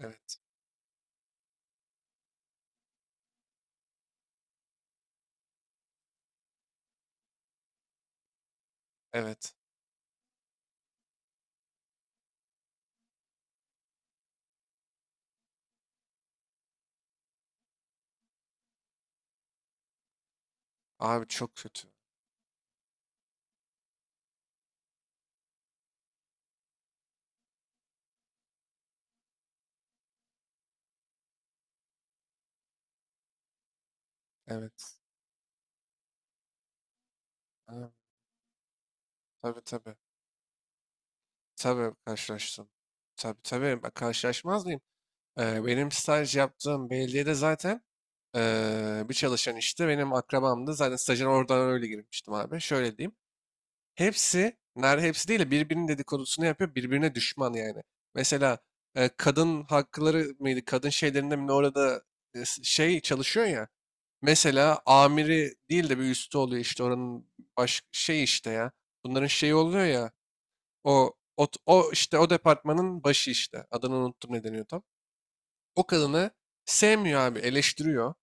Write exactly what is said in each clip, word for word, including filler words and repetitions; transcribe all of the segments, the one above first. Evet, evet. Abi çok kötü. Evet. Abi, tabii tabii. Tabii karşılaştım. Tabii tabii. Ben karşılaşmaz mıyım? Ee, benim staj yaptığım belediyede zaten ee, bir çalışan işte benim akrabamdı. Zaten stajına oradan öyle girmiştim abi. Şöyle diyeyim. Hepsi, ner hepsi değil de birbirinin dedikodusunu yapıyor. Birbirine düşman yani. Mesela e, kadın hakları mıydı? Kadın şeylerinde mi ne orada e, s- şey çalışıyor ya. Mesela amiri değil de bir üstü oluyor işte oranın baş şey işte ya. Bunların şeyi oluyor ya. O o, o işte o departmanın başı işte. Adını unuttum ne deniyor tam. O kadını sevmiyor abi, eleştiriyor.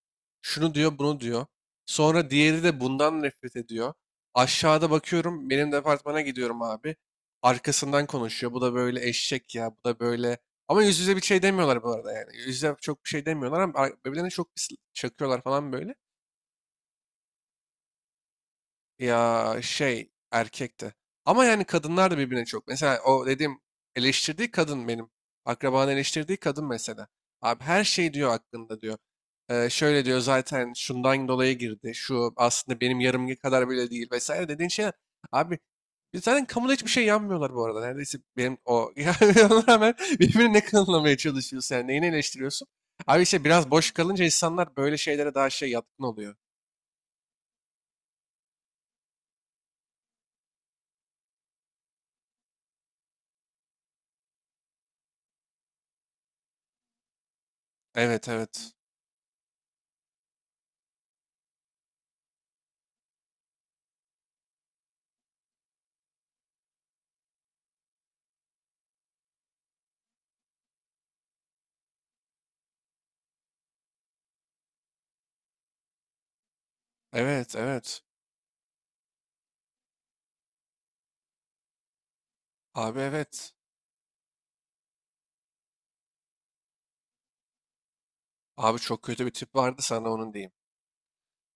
Şunu diyor, bunu diyor. Sonra diğeri de bundan nefret ediyor. Aşağıda bakıyorum benim departmana gidiyorum abi. Arkasından konuşuyor. Bu da böyle eşek ya, bu da böyle. Ama yüz yüze bir şey demiyorlar bu arada yani. Yüz yüze çok bir şey demiyorlar ama ar- birbirlerine çok bir s- çakıyorlar falan böyle. Ya, şey, erkekti. Ama yani kadınlar da birbirine çok. Mesela o dediğim eleştirdiği kadın benim. Akrabanın eleştirdiği kadın mesela. Abi her şey diyor hakkında diyor. Ee, şöyle diyor zaten şundan dolayı girdi. Şu aslında benim yarımki kadar bile değil vesaire dediğin şeyler. Abi biz zaten kamuda hiçbir şey yanmıyorlar bu arada. Neredeyse benim o. Yani ona rağmen birbirini ne kanılamaya çalışıyorsun yani neyini eleştiriyorsun? Abi işte biraz boş kalınca insanlar böyle şeylere daha şey yatkın oluyor. Evet evet. Evet evet. Abi evet. Abi çok kötü bir tip vardı sana onun diyeyim.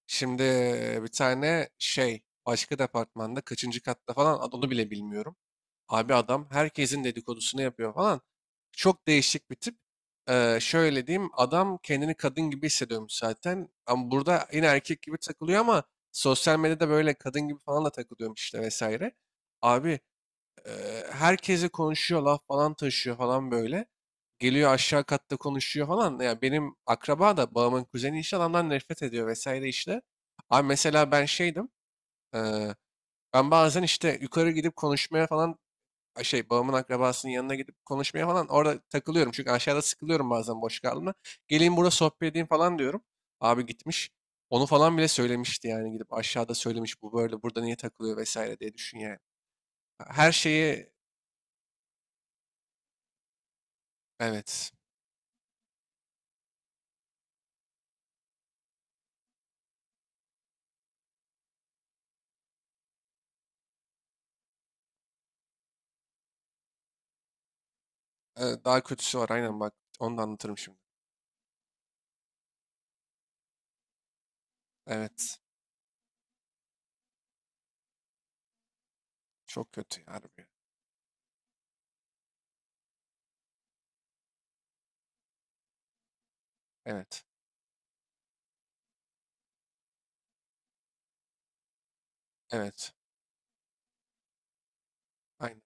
Şimdi e, bir tane şey başka departmanda kaçıncı katta falan ad- onu bile bilmiyorum. Abi adam herkesin dedikodusunu yapıyor falan. Çok değişik bir tip. Ee, şöyle diyeyim adam kendini kadın gibi hissediyormuş zaten. Ama burada yine erkek gibi takılıyor ama sosyal medyada böyle kadın gibi falan da takılıyormuş işte vesaire. Abi e, herkese konuşuyor laf falan taşıyor falan böyle. Geliyor aşağı katta konuşuyor falan. Ya benim akraba da babamın kuzeni işte adamdan nefret ediyor vesaire işte. Abi mesela ben şeydim. eee, Ben bazen işte yukarı gidip konuşmaya falan a- şey babamın akrabasının yanına gidip konuşmaya falan orada takılıyorum. Çünkü aşağıda sıkılıyorum bazen boş kaldığımda. Geleyim burada sohbet edeyim falan diyorum. Abi gitmiş. Onu falan bile söylemişti yani gidip aşağıda söylemiş bu böyle burada niye takılıyor vesaire diye düşün yani. Her şeyi. Evet. Ee, Daha kötüsü var aynen bak. Onu da anlatırım şimdi. Evet. Çok kötü ya harbi. Evet. Evet. Aynen.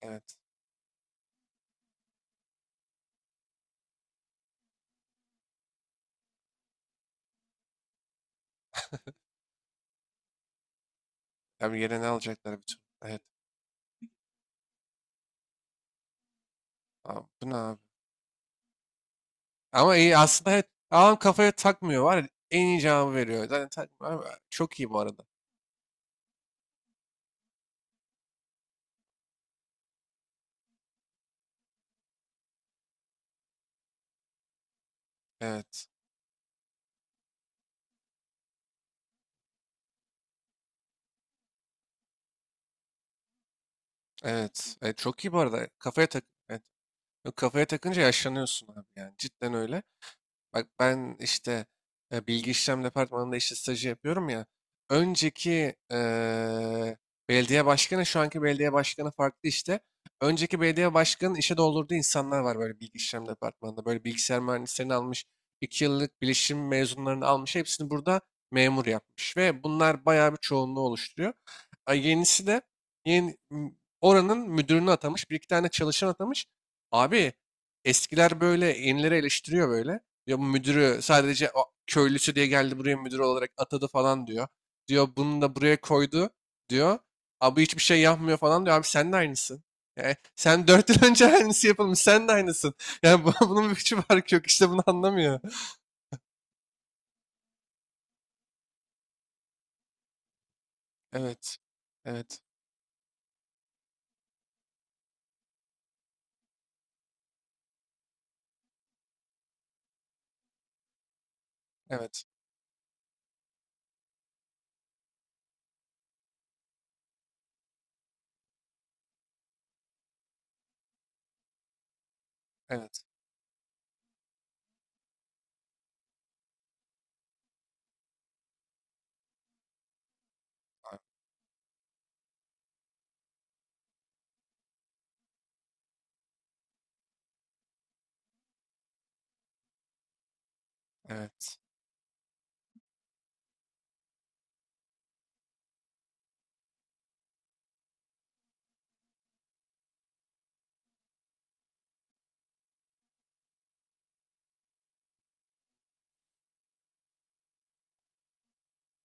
Evet. Abi yere ne alacaklar bütün. Evet. Abi, bu ne abi? Ama iyi aslında evet. Adam kafaya takmıyor var ya. En iyi cevabı veriyor. Zaten takmıyor abi. Çok iyi bu arada. Evet. Evet. Evet, çok iyi bu arada. Kafaya tak. Evet. Yok, kafaya takınca yaşlanıyorsun abi yani. Cidden öyle. Bak ben işte e, bilgi işlem departmanında işte stajı yapıyorum ya. Önceki e, belediye başkanı şu anki belediye başkanı farklı işte. Önceki belediye başkanının işe doldurduğu insanlar var böyle bilgi işlem departmanında. Böyle bilgisayar mühendislerini almış, iki yıllık bilişim mezunlarını almış. Hepsini burada memur yapmış ve bunlar bayağı bir çoğunluğu oluşturuyor. A, yenisi de yeni, m- oranın müdürünü atamış, bir iki tane çalışan atamış. Abi eskiler böyle yenileri eleştiriyor böyle. Diyor bu müdürü sadece o köylüsü diye geldi buraya müdür olarak atadı falan diyor. Diyor bunu da buraya koydu diyor. Abi hiçbir şey yapmıyor falan diyor. Abi sen de aynısın. Yani sen dört yıl önce aynısı yapılmış. Sen de aynısın. Yani bu- bunun bir hiçbir farkı yok. İşte bunu anlamıyor. Evet. Evet. Evet. Evet. a- Evet.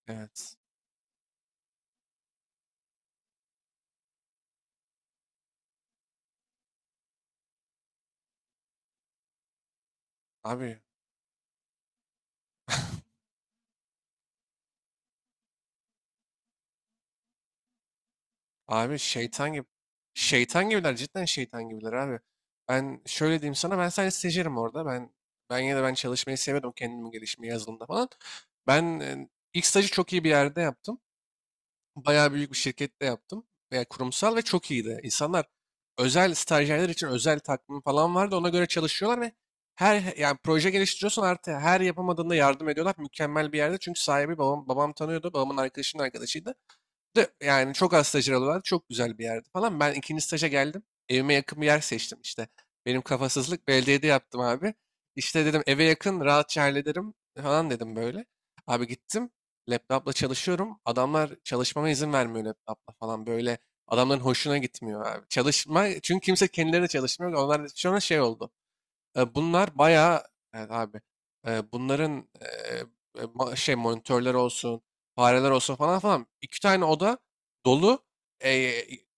Evet. Abi Abi şeytan gibi. Şeytan gibiler cidden şeytan gibiler abi. Ben şöyle diyeyim sana ben sadece stajyerim orada. Ben ben yine de ben çalışmayı sevmedim kendimi gelişmeyi yazılımda falan. Ben e, ilk stajı çok iyi bir yerde yaptım. Bayağı büyük bir şirkette yaptım. Veya kurumsal ve çok iyiydi. İnsanlar özel stajyerler için özel takvim falan vardı. Ona göre çalışıyorlar ve her yani proje geliştiriyorsan artık her yapamadığında yardım ediyorlar. Mükemmel bir yerde. Çünkü sahibi babam, babam tanıyordu. Babamın arkadaşının arkadaşıydı. De yani çok az stajyer alıyorlardı. Çok güzel bir yerdi falan. Ben ikinci staja geldim. Evime yakın bir yer seçtim işte. Benim kafasızlık belediyede yaptım abi. İşte dedim eve yakın rahatça hallederim falan dedim böyle. Abi gittim. Laptopla çalışıyorum. Adamlar çalışmama izin vermiyor laptopla falan böyle. Adamların hoşuna gitmiyor abi. Çalışma çünkü kimse kendileri de çalışmıyor. Onlar sonra şey oldu. E, bunlar bayağı, evet abi. E, bunların e, e, ma- şey monitörler olsun, fareler olsun falan falan iki tane oda dolu e,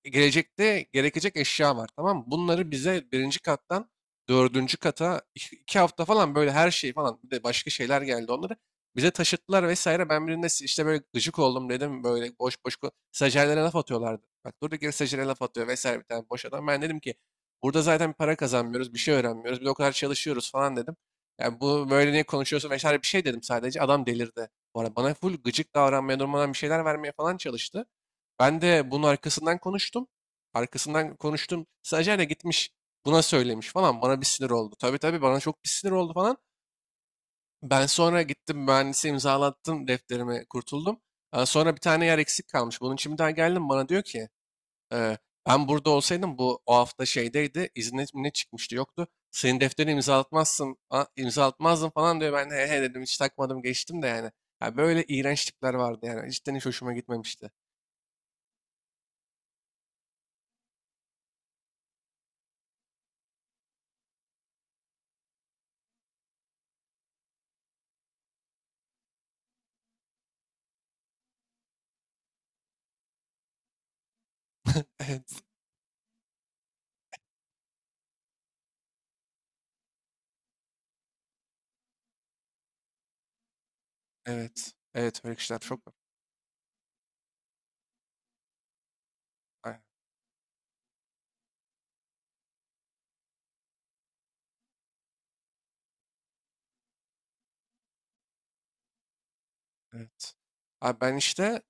gelecekte gerekecek eşya var tamam mı? Bunları bize birinci kattan dördüncü kata iki iki hafta falan böyle her şey falan bir de başka şeyler geldi onları. Bize taşıttılar vesaire. Ben birinde s- işte böyle gıcık oldum dedim böyle boş boş ko- stajyerlere laf atıyorlardı. Bak durduk yere stajyere laf atıyor vesaire bir tane boş adam. Ben dedim ki burada zaten para kazanmıyoruz, bir şey öğrenmiyoruz, bir de o kadar çalışıyoruz falan dedim. Yani bu böyle niye konuşuyorsun vesaire bir şey dedim sadece. Adam delirdi. Bu arada bana full gıcık davranmaya, durmadan bir şeyler vermeye falan çalıştı. Ben de bunun arkasından konuştum. Arkasından konuştum. Stajyer de gitmiş buna söylemiş falan. Bana bir sinir oldu. Tabii tabii bana çok bir sinir oldu falan. Ben sonra gittim mühendise imzalattım defterimi kurtuldum. Aa, Sonra bir tane yer eksik kalmış. Bunun için bir daha geldim bana diyor ki ee, ben burada olsaydım bu o hafta şeydeydi. İzne mi ne çıkmıştı yoktu. Senin defterini imzalatmazsın, a- imzalatmazdın falan diyor. Ben de he he dedim hiç takmadım geçtim de yani. Ya böyle iğrenç tipler vardı yani. Cidden hiç hoşuma gitmemişti. Evet, evet, evet öyle kişiler çok var. Aynen, evet. Abi ben işte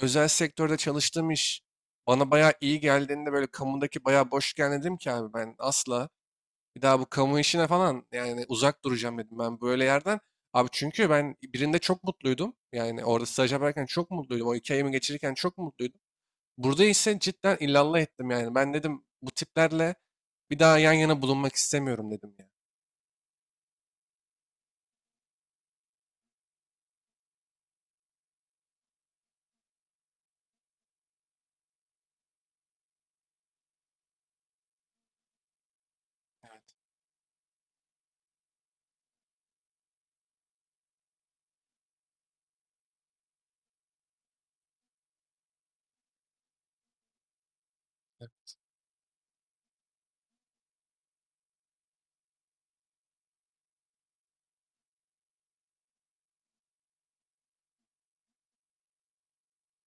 özel sektörde çalıştığım iş bana bayağı iyi geldiğinde böyle kamudaki bayağı boş dedim ki abi ben asla bir daha bu kamu işine falan yani uzak duracağım dedim ben böyle yerden. Abi çünkü ben birinde çok mutluydum. Yani orada staj yaparken çok mutluydum. O iki ayımı geçirirken çok mutluydum. Burada ise cidden illallah ettim yani. Ben dedim bu tiplerle bir daha yan yana bulunmak istemiyorum dedim yani. Evet.